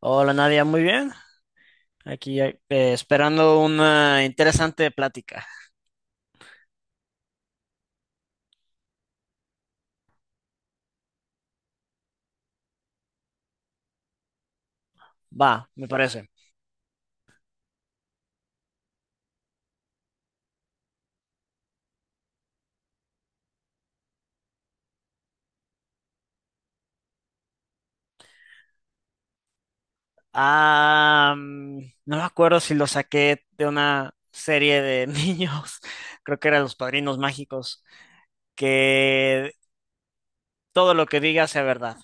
Hola Nadia, muy bien. Aquí esperando una interesante plática. Va, me parece. Ah, mm, no me acuerdo si lo saqué de una serie de niños, creo que eran Los Padrinos Mágicos, que todo lo que diga sea verdad.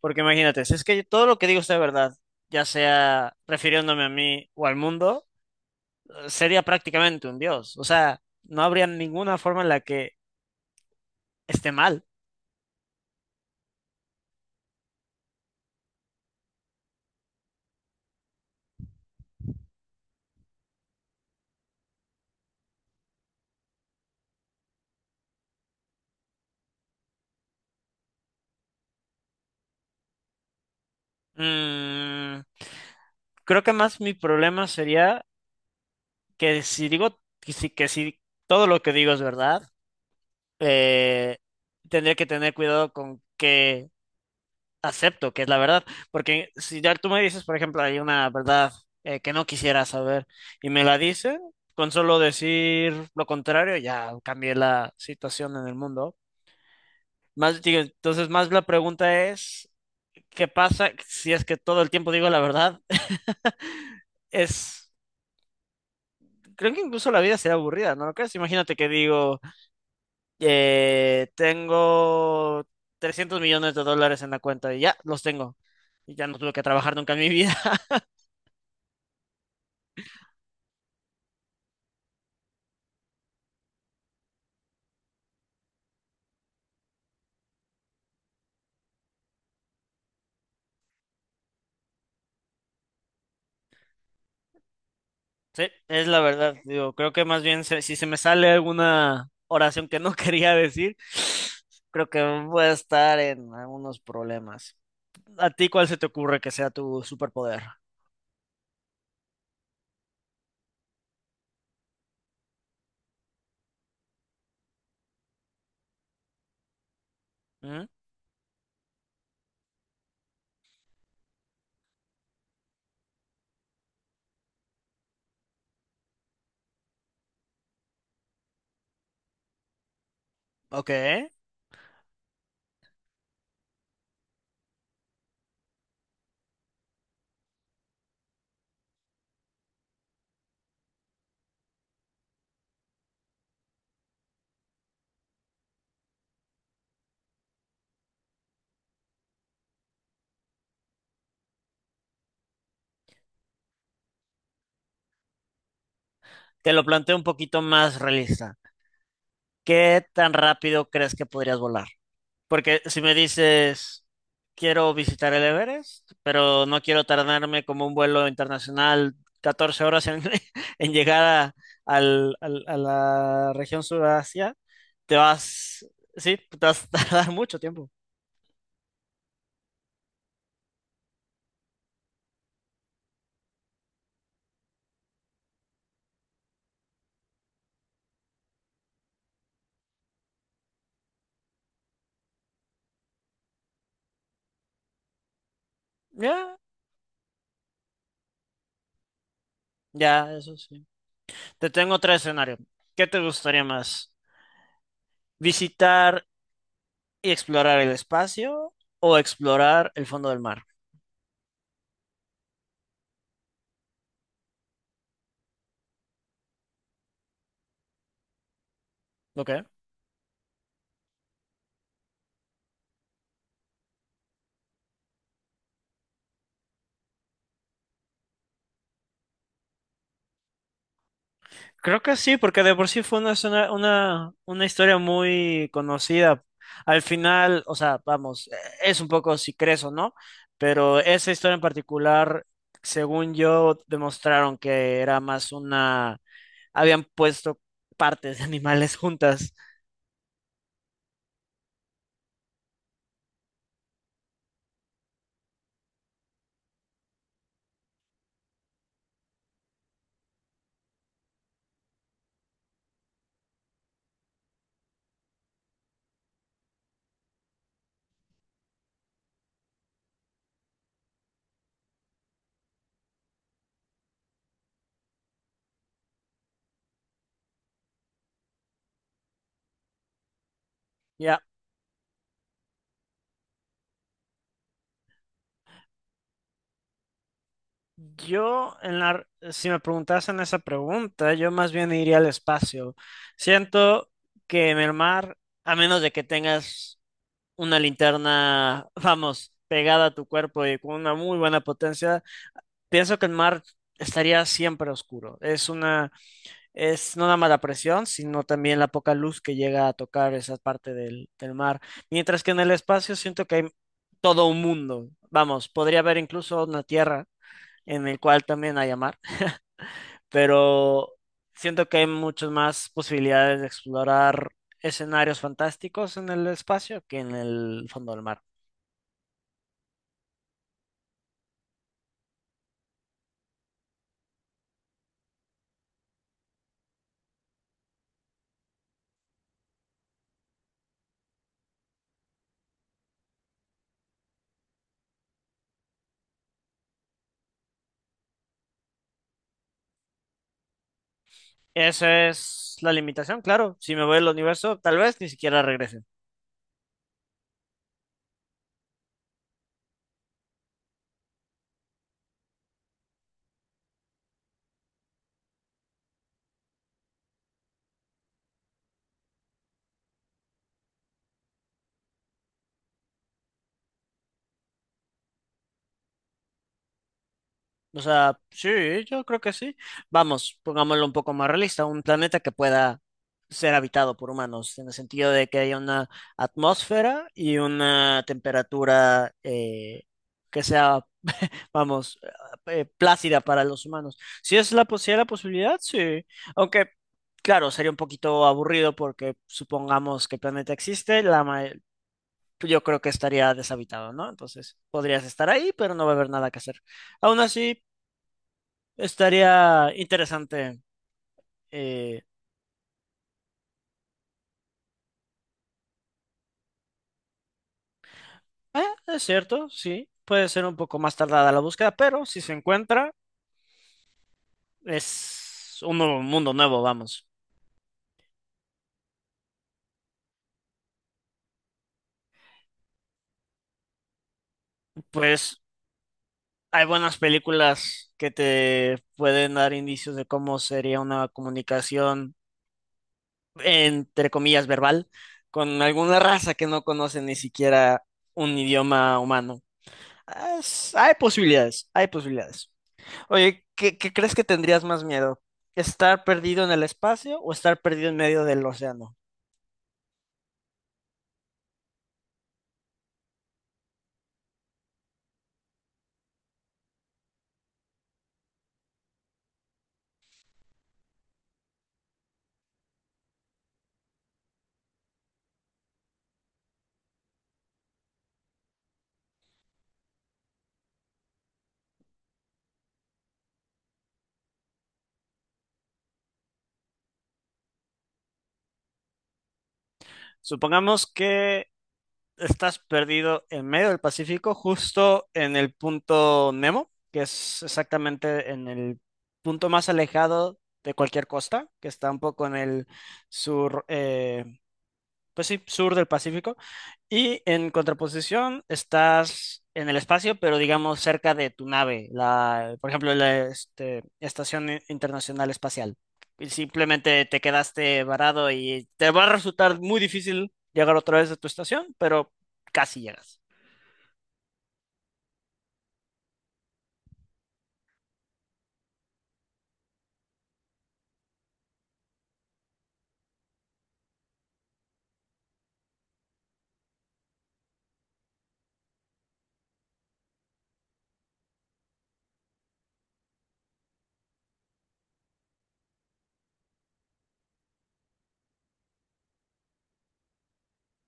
Porque imagínate, si es que todo lo que digo sea verdad, ya sea refiriéndome a mí o al mundo, sería prácticamente un dios. O sea, no habría ninguna forma en la que esté mal. Mm, creo que más mi problema sería que si digo, que si todo lo que digo es verdad, eh, tendría que tener cuidado con qué acepto, que es la verdad. Porque si ya tú me dices, por ejemplo, hay una verdad que no quisiera saber y me la dice, con solo decir lo contrario, ya cambié la situación en el mundo. Más, digo, entonces, más la pregunta es, ¿qué pasa si es que todo el tiempo digo la verdad? Es, creo que incluso la vida sería aburrida, ¿no lo crees? Imagínate que digo, tengo 300 millones de dólares en la cuenta y ya los tengo. Y ya no tuve que trabajar nunca en mi vida. Sí, es la verdad. Digo, creo que más bien si se me sale alguna oración que no quería decir, creo que voy a estar en algunos problemas. ¿A ti cuál se te ocurre que sea tu superpoder? ¿Mm? Ok. Te lo planteo un poquito más realista. ¿Qué tan rápido crees que podrías volar? Porque si me dices, quiero visitar el Everest, pero no quiero tardarme como un vuelo internacional 14 horas en, en llegar a, a la región Sudasia, te vas, sí, te vas a tardar mucho tiempo. Ya, ya, eso sí. Te tengo otro escenario. ¿Qué te gustaría más? ¿Visitar y explorar el espacio o explorar el fondo del mar? Ok. Creo que sí, porque de por sí fue una historia muy conocida. Al final, o sea, vamos, es un poco si crees o no, pero esa historia en particular, según yo, demostraron que era más una... Habían puesto partes de animales juntas. Ya, yo, en la... si me preguntasen esa pregunta, yo más bien iría al espacio. Siento que en el mar, a menos de que tengas una linterna, vamos, pegada a tu cuerpo y con una muy buena potencia, pienso que el mar estaría siempre oscuro. Es una, es no nada más la presión, sino también la poca luz que llega a tocar esa parte del mar. Mientras que en el espacio siento que hay todo un mundo. Vamos, podría haber incluso una tierra en el cual también haya mar, pero siento que hay muchas más posibilidades de explorar escenarios fantásticos en el espacio que en el fondo del mar. Esa es la limitación, claro. Si me voy al universo, tal vez ni siquiera regrese. O sea, sí, yo creo que sí. Vamos, pongámoslo un poco más realista, un planeta que pueda ser habitado por humanos, en el sentido de que haya una atmósfera y una temperatura que sea, vamos, plácida para los humanos. Si es la, si hay la posibilidad, sí. Aunque claro, sería un poquito aburrido porque supongamos que el planeta existe, yo creo que estaría deshabitado, ¿no? Entonces podrías estar ahí, pero no va a haber nada que hacer. Aún así, estaría interesante. eh, eh, es cierto, sí, puede ser un poco más tardada la búsqueda, pero si se encuentra, es un nuevo mundo nuevo, vamos. Pues hay buenas películas que te pueden dar indicios de cómo sería una comunicación, entre comillas, verbal, con alguna raza que no conoce ni siquiera un idioma humano. Hay posibilidades, hay posibilidades. Oye, ¿qué crees que tendrías más miedo? ¿Estar perdido en el espacio o estar perdido en medio del océano? Supongamos que estás perdido en medio del Pacífico, justo en el punto Nemo, que es exactamente en el punto más alejado de cualquier costa, que está un poco en el sur, pues sí, sur del Pacífico. Y en contraposición estás en el espacio, pero digamos cerca de tu nave, la, por ejemplo, Estación Internacional Espacial. Y simplemente te quedaste varado y te va a resultar muy difícil llegar otra vez a tu estación, pero casi llegas.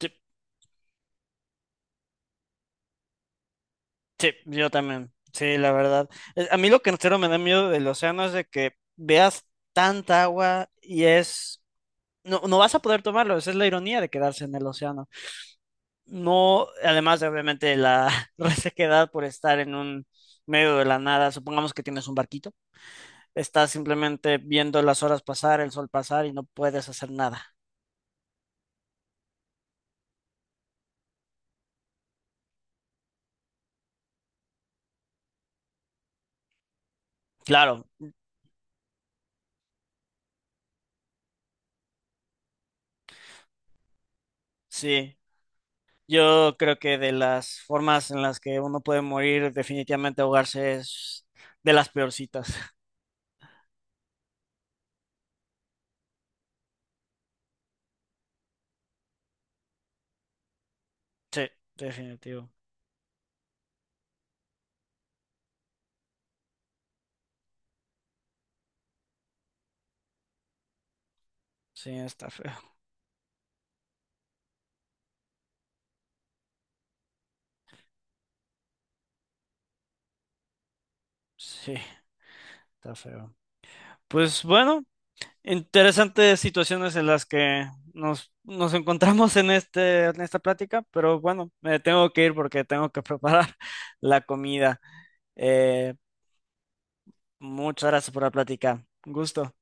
Sí, sí, yo también. Sí, la verdad. A mí lo que en serio me da miedo del océano es de que veas tanta agua y es... No, no vas a poder tomarlo, esa es la ironía de quedarse en el océano. No, además de obviamente la resequedad por estar en un medio de la nada, supongamos que tienes un barquito, estás simplemente viendo las horas pasar, el sol pasar y no puedes hacer nada. Claro, sí. Yo creo que de las formas en las que uno puede morir, definitivamente ahogarse es de las peorcitas. Sí, definitivo. Sí, está feo. Sí, está feo. Pues bueno, interesantes situaciones en las que nos encontramos en en esta plática, pero bueno, me tengo que ir porque tengo que preparar la comida. Eh, muchas gracias por la plática. Un gusto.